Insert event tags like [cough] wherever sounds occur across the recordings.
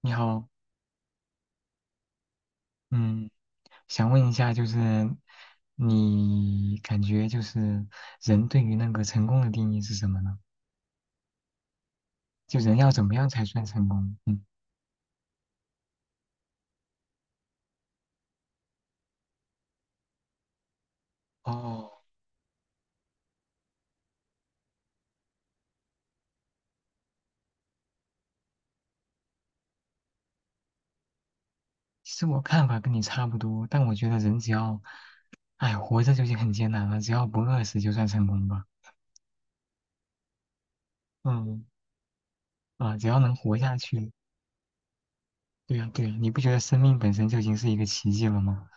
你好，嗯，想问一下，就是你感觉就是人对于那个成功的定义是什么呢？就人要怎么样才算成功？嗯，哦，其实我看法跟你差不多，但我觉得人只要，哎，活着就已经很艰难了，只要不饿死就算成功吧。嗯，啊，只要能活下去，对呀，对呀，你不觉得生命本身就已经是一个奇迹了吗？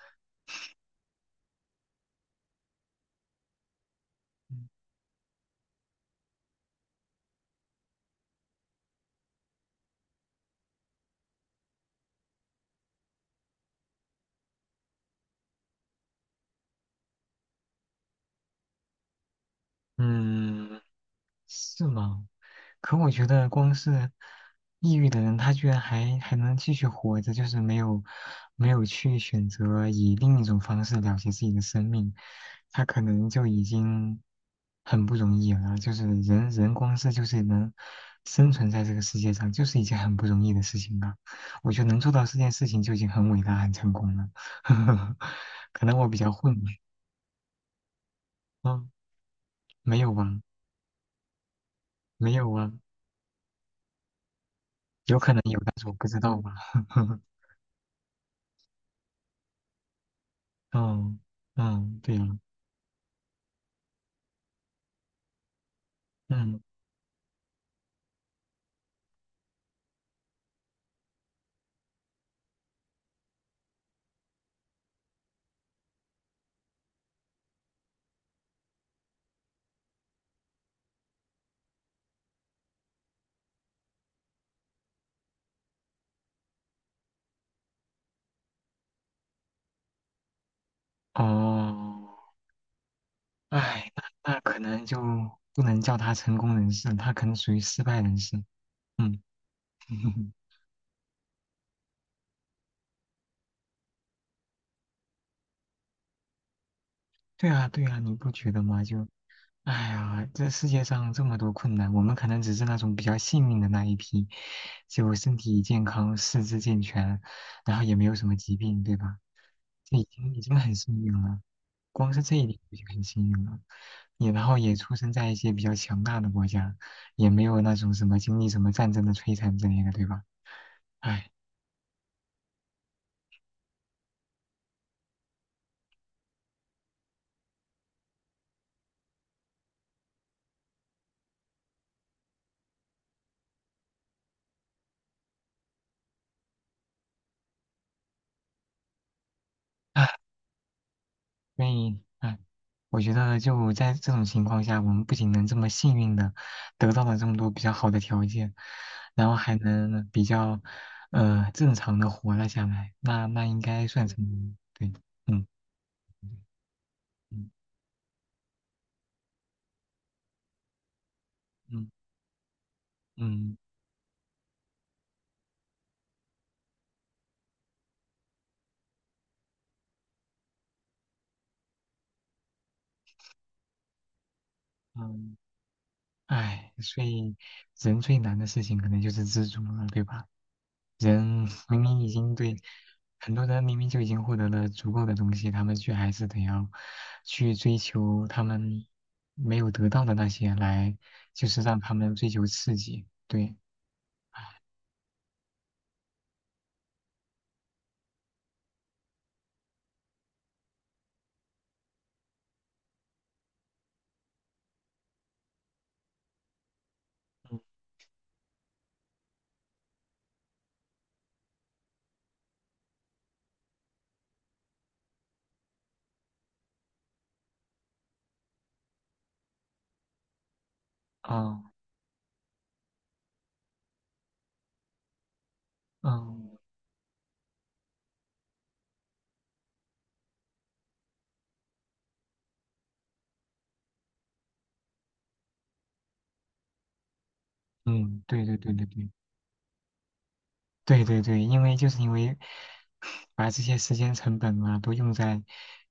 嗯，是吗？可我觉得光是抑郁的人，他居然还能继续活着，就是没有去选择以另一种方式了结自己的生命，他可能就已经很不容易了。就是人光是就是能生存在这个世界上，就是一件很不容易的事情了。我觉得能做到这件事情就已经很伟大、很成功了。[laughs] 可能我比较混吧，嗯，没有吧，没有啊。有可能有，但是我不知道吧。[laughs] 嗯嗯，对呀，嗯哦，哎，那可能就不能叫他成功人士，他可能属于失败人士。嗯，[laughs] 对啊对啊，你不觉得吗？就哎呀，这世界上这么多困难，我们可能只是那种比较幸运的那一批，就身体健康、四肢健全，然后也没有什么疾病，对吧？这已经很幸运了，光是这一点就已经很幸运了。也然后也出生在一些比较强大的国家，也没有那种什么经历什么战争的摧残之类的，对吧？哎，唉所以，哎，我觉得就在这种情况下，我们不仅能这么幸运的得到了这么多比较好的条件，然后还能比较正常的活了下来，那那应该算成功对，嗯嗯嗯嗯嗯，哎，所以人最难的事情可能就是知足了，对吧？人明明已经对很多人明明就已经获得了足够的东西，他们却还是得要去追求他们没有得到的那些来，就是让他们追求刺激。对，啊，嗯嗯，对对对对对。对对对，因为因为把这些时间成本啊都用在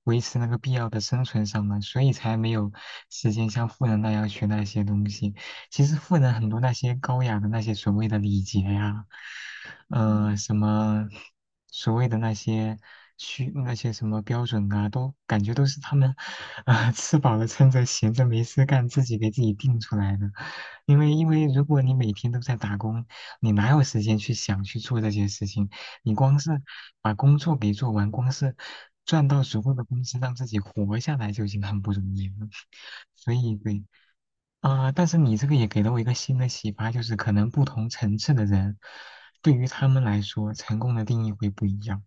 维持那个必要的生存上了，所以才没有时间像富人那样学那些东西。其实富人很多那些高雅的那些所谓的礼节呀、什么所谓的那些需那些什么标准啊，都感觉都是他们啊、吃饱了撑着闲着没事干自己给自己定出来的。因为如果你每天都在打工，你哪有时间去想去做这些事情？你光是把工作给做完，光是赚到足够的工资让自己活下来就已经很不容易了。[laughs] 所以对，啊，但是你这个也给了我一个新的启发，就是可能不同层次的人，对于他们来说，成功的定义会不一样。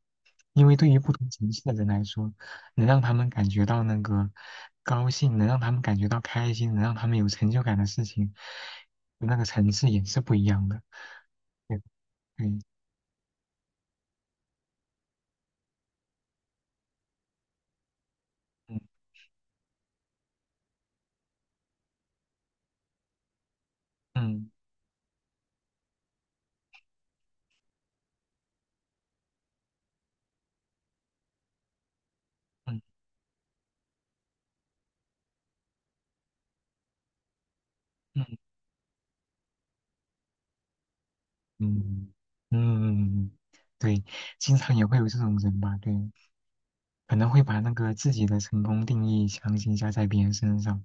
因为对于不同层次的人来说，能让他们感觉到那个高兴，能让他们感觉到开心，能让他们有成就感的事情，那个层次也是不一样的。对对，嗯嗯嗯嗯嗯嗯，对，经常也会有这种人吧，对。可能会把那个自己的成功定义强行加在别人身上，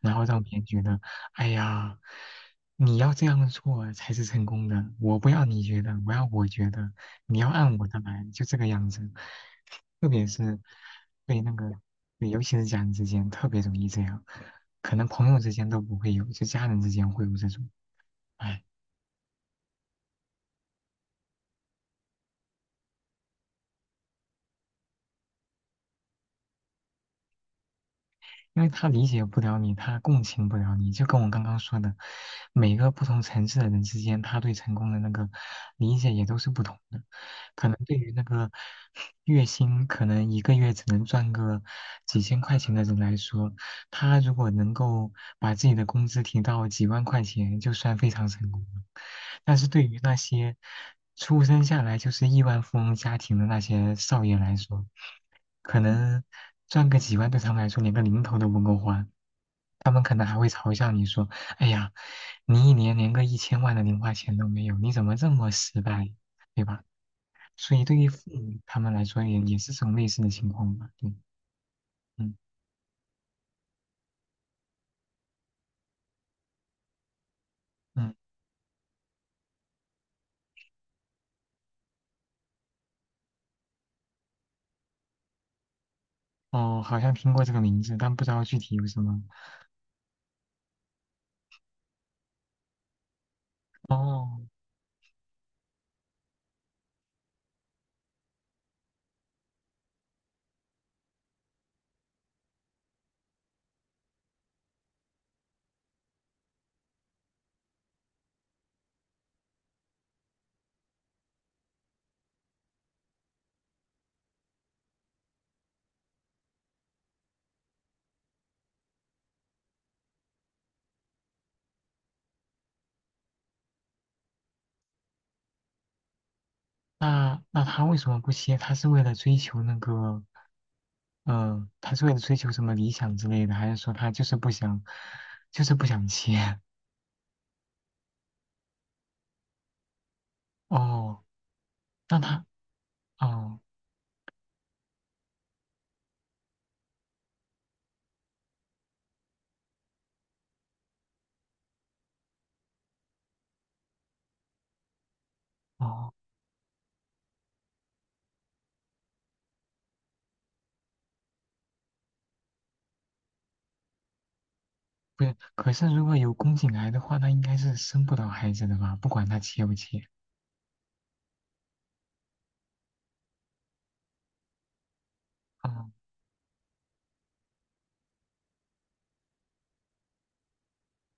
然后让别人觉得，哎呀，你要这样做才是成功的，我不要你觉得，我要我觉得，你要按我的来，就这个样子。特别是对那个，对尤其是家人之间特别容易这样，可能朋友之间都不会有，就家人之间会有这种，哎。因为他理解不了你，他共情不了你，就跟我刚刚说的，每个不同层次的人之间，他对成功的那个理解也都是不同的。可能对于那个 [laughs] 月薪可能一个月只能赚个几千块钱的人来说，他如果能够把自己的工资提到几万块钱，就算非常成功了。但是对于那些出生下来就是亿万富翁家庭的那些少爷来说，可能赚个几万对他们来说连个零头都不够花，可能还会嘲笑你说：“哎呀，你一年连个一千万的零花钱都没有，你怎么这么失败？”对吧？所以对于父母他们来说也是这种类似的情况吧。对，嗯嗯，哦，好像听过这个名字，但不知道具体有什么。哦，那那他为什么不歇？他是为了追求那个。嗯，他是为了追求什么理想之类的，还是说他就是不想，就是不想切？哦，那他，哦哦，不是，可是如果有宫颈癌的话，那应该是生不了孩子的吧？不管他切不切。哦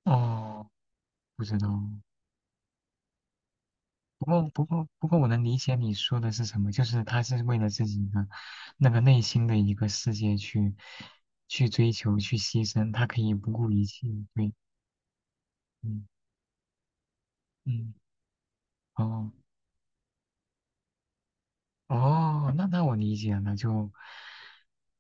哦，不知道。不过，我能理解你说的是什么，就是他是为了自己的那个内心的一个世界去去追求、去牺牲，他可以不顾一切。对，嗯嗯，哦。哦，那那我理解了，就，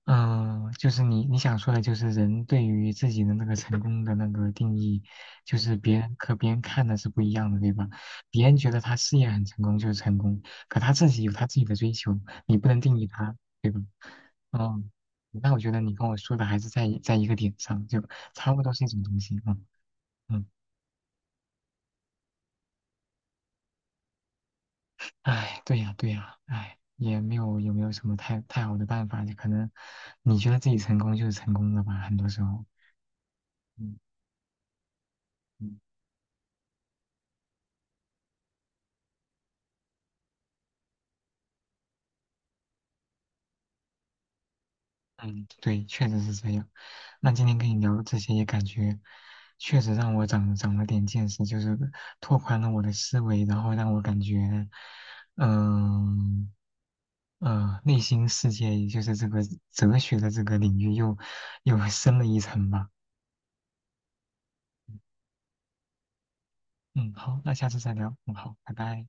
嗯、就是你想说的，就是人对于自己的那个成功的那个定义，就是别人和别人看的是不一样的，对吧？别人觉得他事业很成功就是成功，可他自己有他自己的追求，你不能定义他，对吧？嗯，那我觉得你跟我说的还是在一个点上，就差不多是一种东西，嗯嗯。哎，对呀，对呀，哎，也没有有没有什么太好的办法，就可能你觉得自己成功就是成功了吧，很多时候。嗯嗯嗯，对，确实是这样。那今天跟你聊这些，也感觉确实让我长了点见识，就是拓宽了我的思维，然后让我感觉，嗯内心世界，也就是这个哲学的这个领域又深了一层吧。嗯，好，那下次再聊。嗯，好，拜拜。